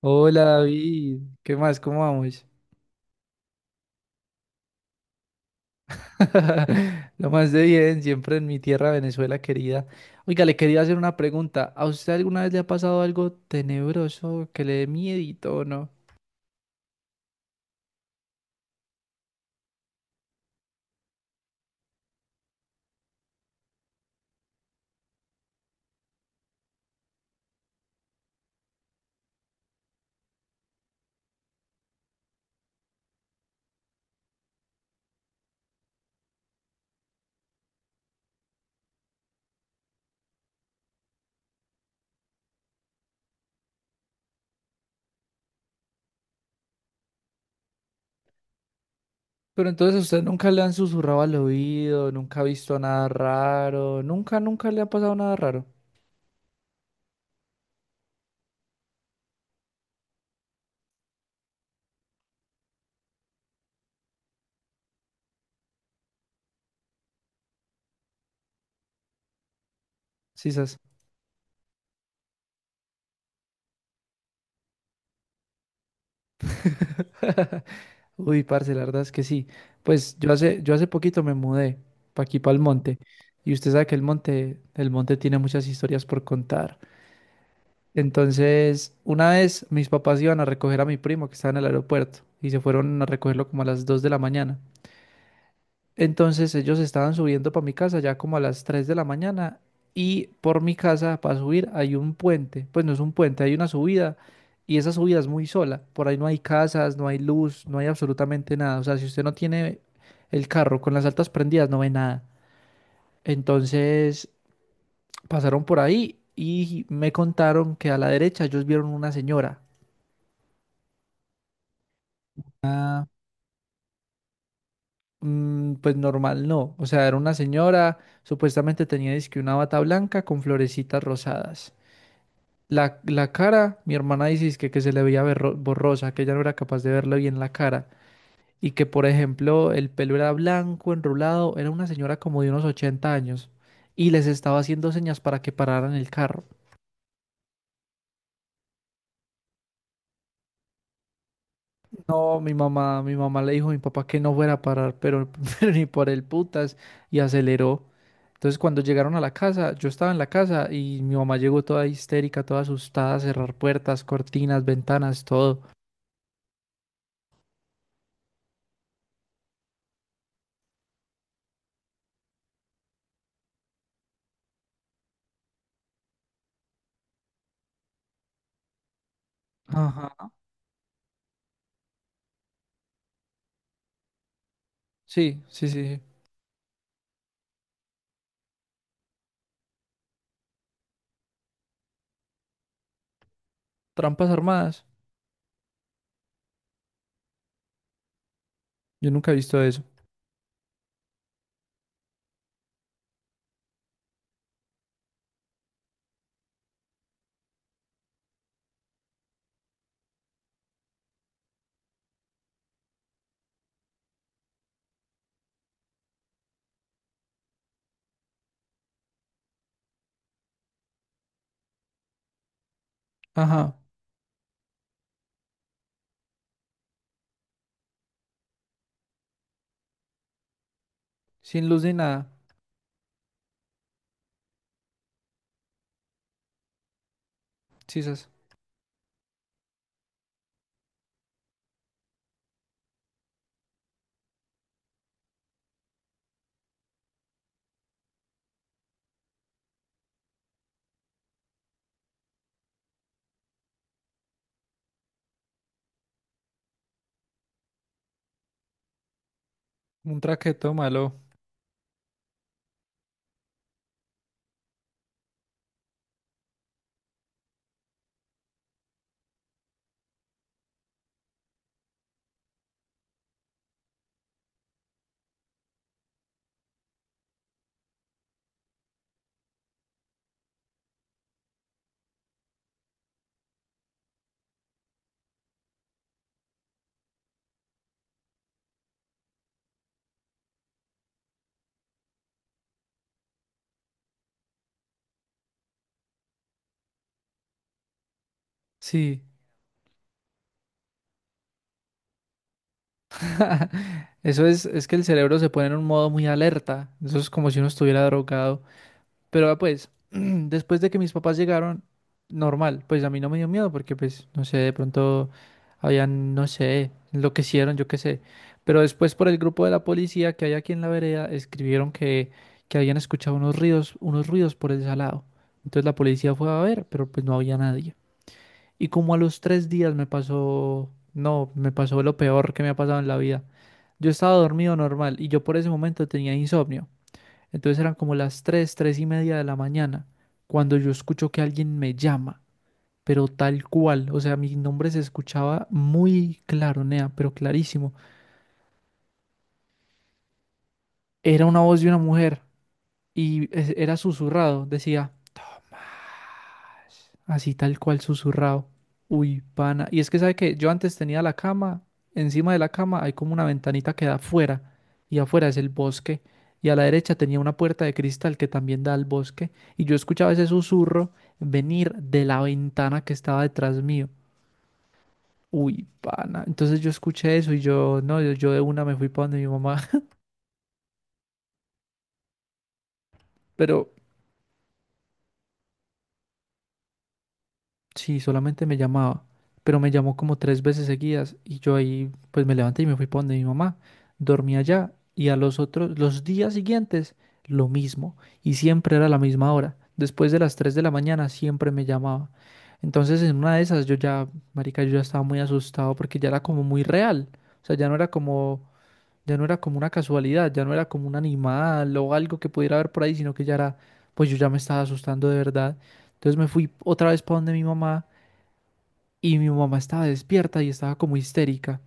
Hola David, ¿qué más? ¿Cómo vamos? Lo más de bien, siempre en mi tierra Venezuela querida. Oiga, le quería hacer una pregunta. ¿A usted alguna vez le ha pasado algo tenebroso que le dé miedito o no? Pero entonces a usted nunca le han susurrado al oído, nunca ha visto nada raro, nunca, nunca le ha pasado nada raro. Sí, sas. Uy, parce, la verdad es que sí. Pues yo hace poquito me mudé para aquí, para el monte. Y usted sabe que el monte tiene muchas historias por contar. Entonces, una vez mis papás iban a recoger a mi primo que estaba en el aeropuerto y se fueron a recogerlo como a las 2 de la mañana. Entonces, ellos estaban subiendo para mi casa ya como a las 3 de la mañana y por mi casa para subir hay un puente. Pues no es un puente, hay una subida y esa subida es muy sola. Por ahí no hay casas, no hay luz, no hay absolutamente nada. O sea, si usted no tiene el carro con las altas prendidas, no ve nada. Entonces, pasaron por ahí y me contaron que a la derecha ellos vieron una señora. Ah, pues normal no. O sea, era una señora, supuestamente tenía dizque una bata blanca con florecitas rosadas. La cara, mi hermana dice dizque que se le veía borrosa, que ella no era capaz de verle bien la cara. Y que, por ejemplo, el pelo era blanco, enrulado, era una señora como de unos 80 años. Y les estaba haciendo señas para que pararan el carro. No, mi mamá le dijo a mi papá que no fuera a parar, pero, pero ni por el putas, y aceleró. Entonces cuando llegaron a la casa, yo estaba en la casa y mi mamá llegó toda histérica, toda asustada, a cerrar puertas, cortinas, ventanas, todo. Ajá. Sí, sí, sí, sí. Trampas armadas. Yo nunca he visto eso. Ajá. Sin luz ni nada. Sisas. Un traqueto malo. Sí. Es que el cerebro se pone en un modo muy alerta. Eso es como si uno estuviera drogado. Pero ah, pues, después de que mis papás llegaron, normal, pues a mí no me dio miedo porque pues, no sé, de pronto habían, no sé, enloquecieron, yo qué sé. Pero después por el grupo de la policía que hay aquí en la vereda, escribieron que habían escuchado unos ruidos por el salado. Entonces la policía fue a ver, pero pues no había nadie. Y como a los 3 días me pasó, no, me pasó lo peor que me ha pasado en la vida. Yo estaba dormido normal y yo por ese momento tenía insomnio. Entonces eran como las 3, 3 y media de la mañana, cuando yo escucho que alguien me llama, pero tal cual, o sea, mi nombre se escuchaba muy claro, Nea, pero clarísimo. Era una voz de una mujer y era susurrado, decía, "Ma". Así tal cual susurrado. Uy, pana. Y es que sabe que yo antes tenía la cama, encima de la cama hay como una ventanita que da afuera, y afuera es el bosque, y a la derecha tenía una puerta de cristal que también da al bosque, y yo escuchaba ese susurro venir de la ventana que estaba detrás mío. Uy, pana. Entonces yo escuché eso y yo, no, yo de una me fui para donde mi mamá. Pero sí, solamente me llamaba, pero me llamó como 3 veces seguidas y yo ahí pues me levanté y me fui para donde mi mamá. Dormí allá y a los otros, los días siguientes, lo mismo. Y siempre era la misma hora. Después de las 3 de la mañana siempre me llamaba. Entonces en una de esas yo ya, marica, yo ya estaba muy asustado porque ya era como muy real. O sea, ya no era como, ya no era como una casualidad, ya no era como un animal o algo que pudiera haber por ahí, sino que ya era, pues yo ya me estaba asustando de verdad. Entonces me fui otra vez para donde mi mamá. Y mi mamá estaba despierta y estaba como histérica.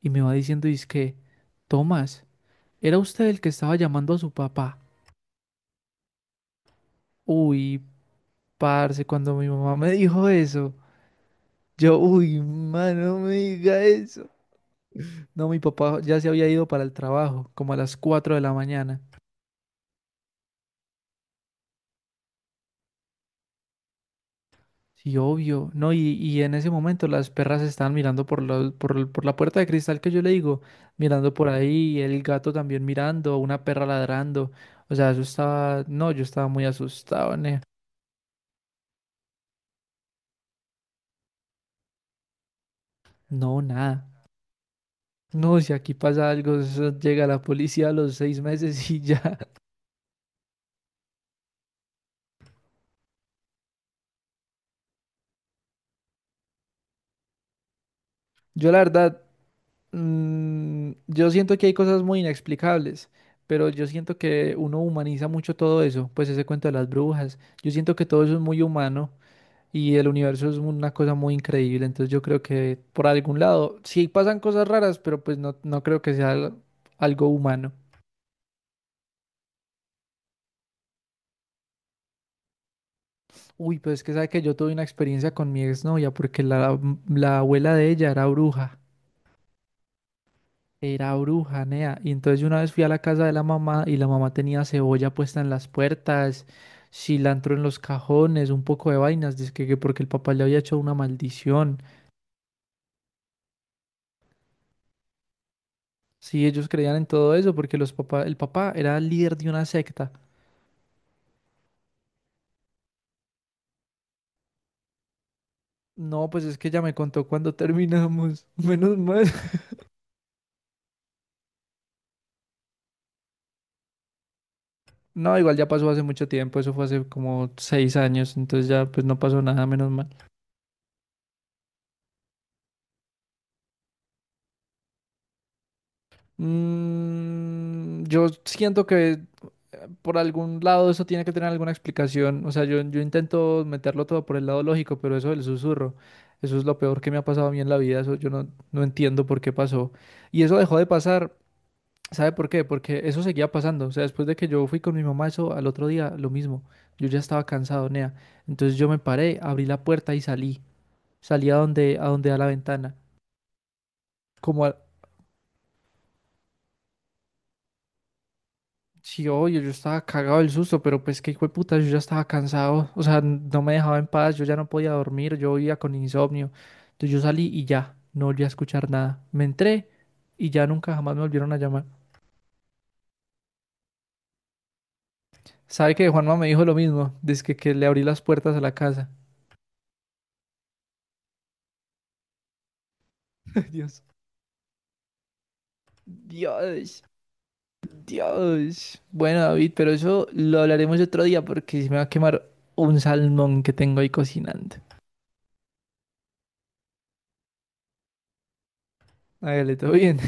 Y me va diciendo, que Tomás, ¿era usted el que estaba llamando a su papá? Uy, parce, cuando mi mamá me dijo eso, yo, uy, mano, no me diga eso. No, mi papá ya se había ido para el trabajo, como a las 4 de la mañana. Sí, obvio, ¿no? Y en ese momento las perras estaban mirando por, los- por, el- por la puerta de cristal que yo le digo, mirando por ahí, el gato también mirando, una perra ladrando. O sea, eso estaba, no, yo estaba muy asustado, ne. No, nada. No, si aquí pasa algo, eso llega la policía a los 6 meses y ya. Yo la verdad, mm, yo siento que hay cosas muy inexplicables, pero yo siento que uno humaniza mucho todo eso, pues ese cuento de las brujas. Yo siento que todo eso es muy humano. Y el universo es una cosa muy increíble, entonces yo creo que por algún lado, sí pasan cosas raras, pero pues no, no creo que sea algo humano. Uy, pues es que sabe que yo tuve una experiencia con mi exnovia porque la abuela de ella era bruja, nea. Y entonces yo una vez fui a la casa de la mamá y la mamá tenía cebolla puesta en las puertas, cilantro en los cajones, un poco de vainas, dizque que porque el papá le había hecho una maldición. Sí, ellos creían en todo eso porque los papá, el papá era el líder de una secta. No, pues es que ya me contó cuando terminamos. Menos mal. No, igual ya pasó hace mucho tiempo. Eso fue hace como 6 años. Entonces ya pues no pasó nada, menos mal. Mm, yo siento que por algún lado eso tiene que tener alguna explicación. O sea, yo intento meterlo todo por el lado lógico, pero eso del susurro, eso es lo peor que me ha pasado a mí en la vida. Eso yo no, no entiendo por qué pasó. Y eso dejó de pasar. ¿Sabe por qué? Porque eso seguía pasando. O sea, después de que yo fui con mi mamá, eso al otro día, lo mismo. Yo ya estaba cansado, nea. Entonces yo me paré, abrí la puerta y salí. Salí a donde da la ventana. Como a... Sí, obvio, yo estaba cagado del susto, pero pues qué hijo de puta, yo ya estaba cansado. O sea, no me dejaba en paz, yo ya no podía dormir, yo vivía con insomnio. Entonces yo salí y ya, no volví a escuchar nada. Me entré y ya nunca jamás me volvieron a llamar. ¿Sabe que Juanma me dijo lo mismo? Desde que le abrí las puertas a la casa. Dios. Dios. Dios. Bueno, David, pero eso lo hablaremos otro día porque se me va a quemar un salmón que tengo ahí cocinando. Hágale, todo bien.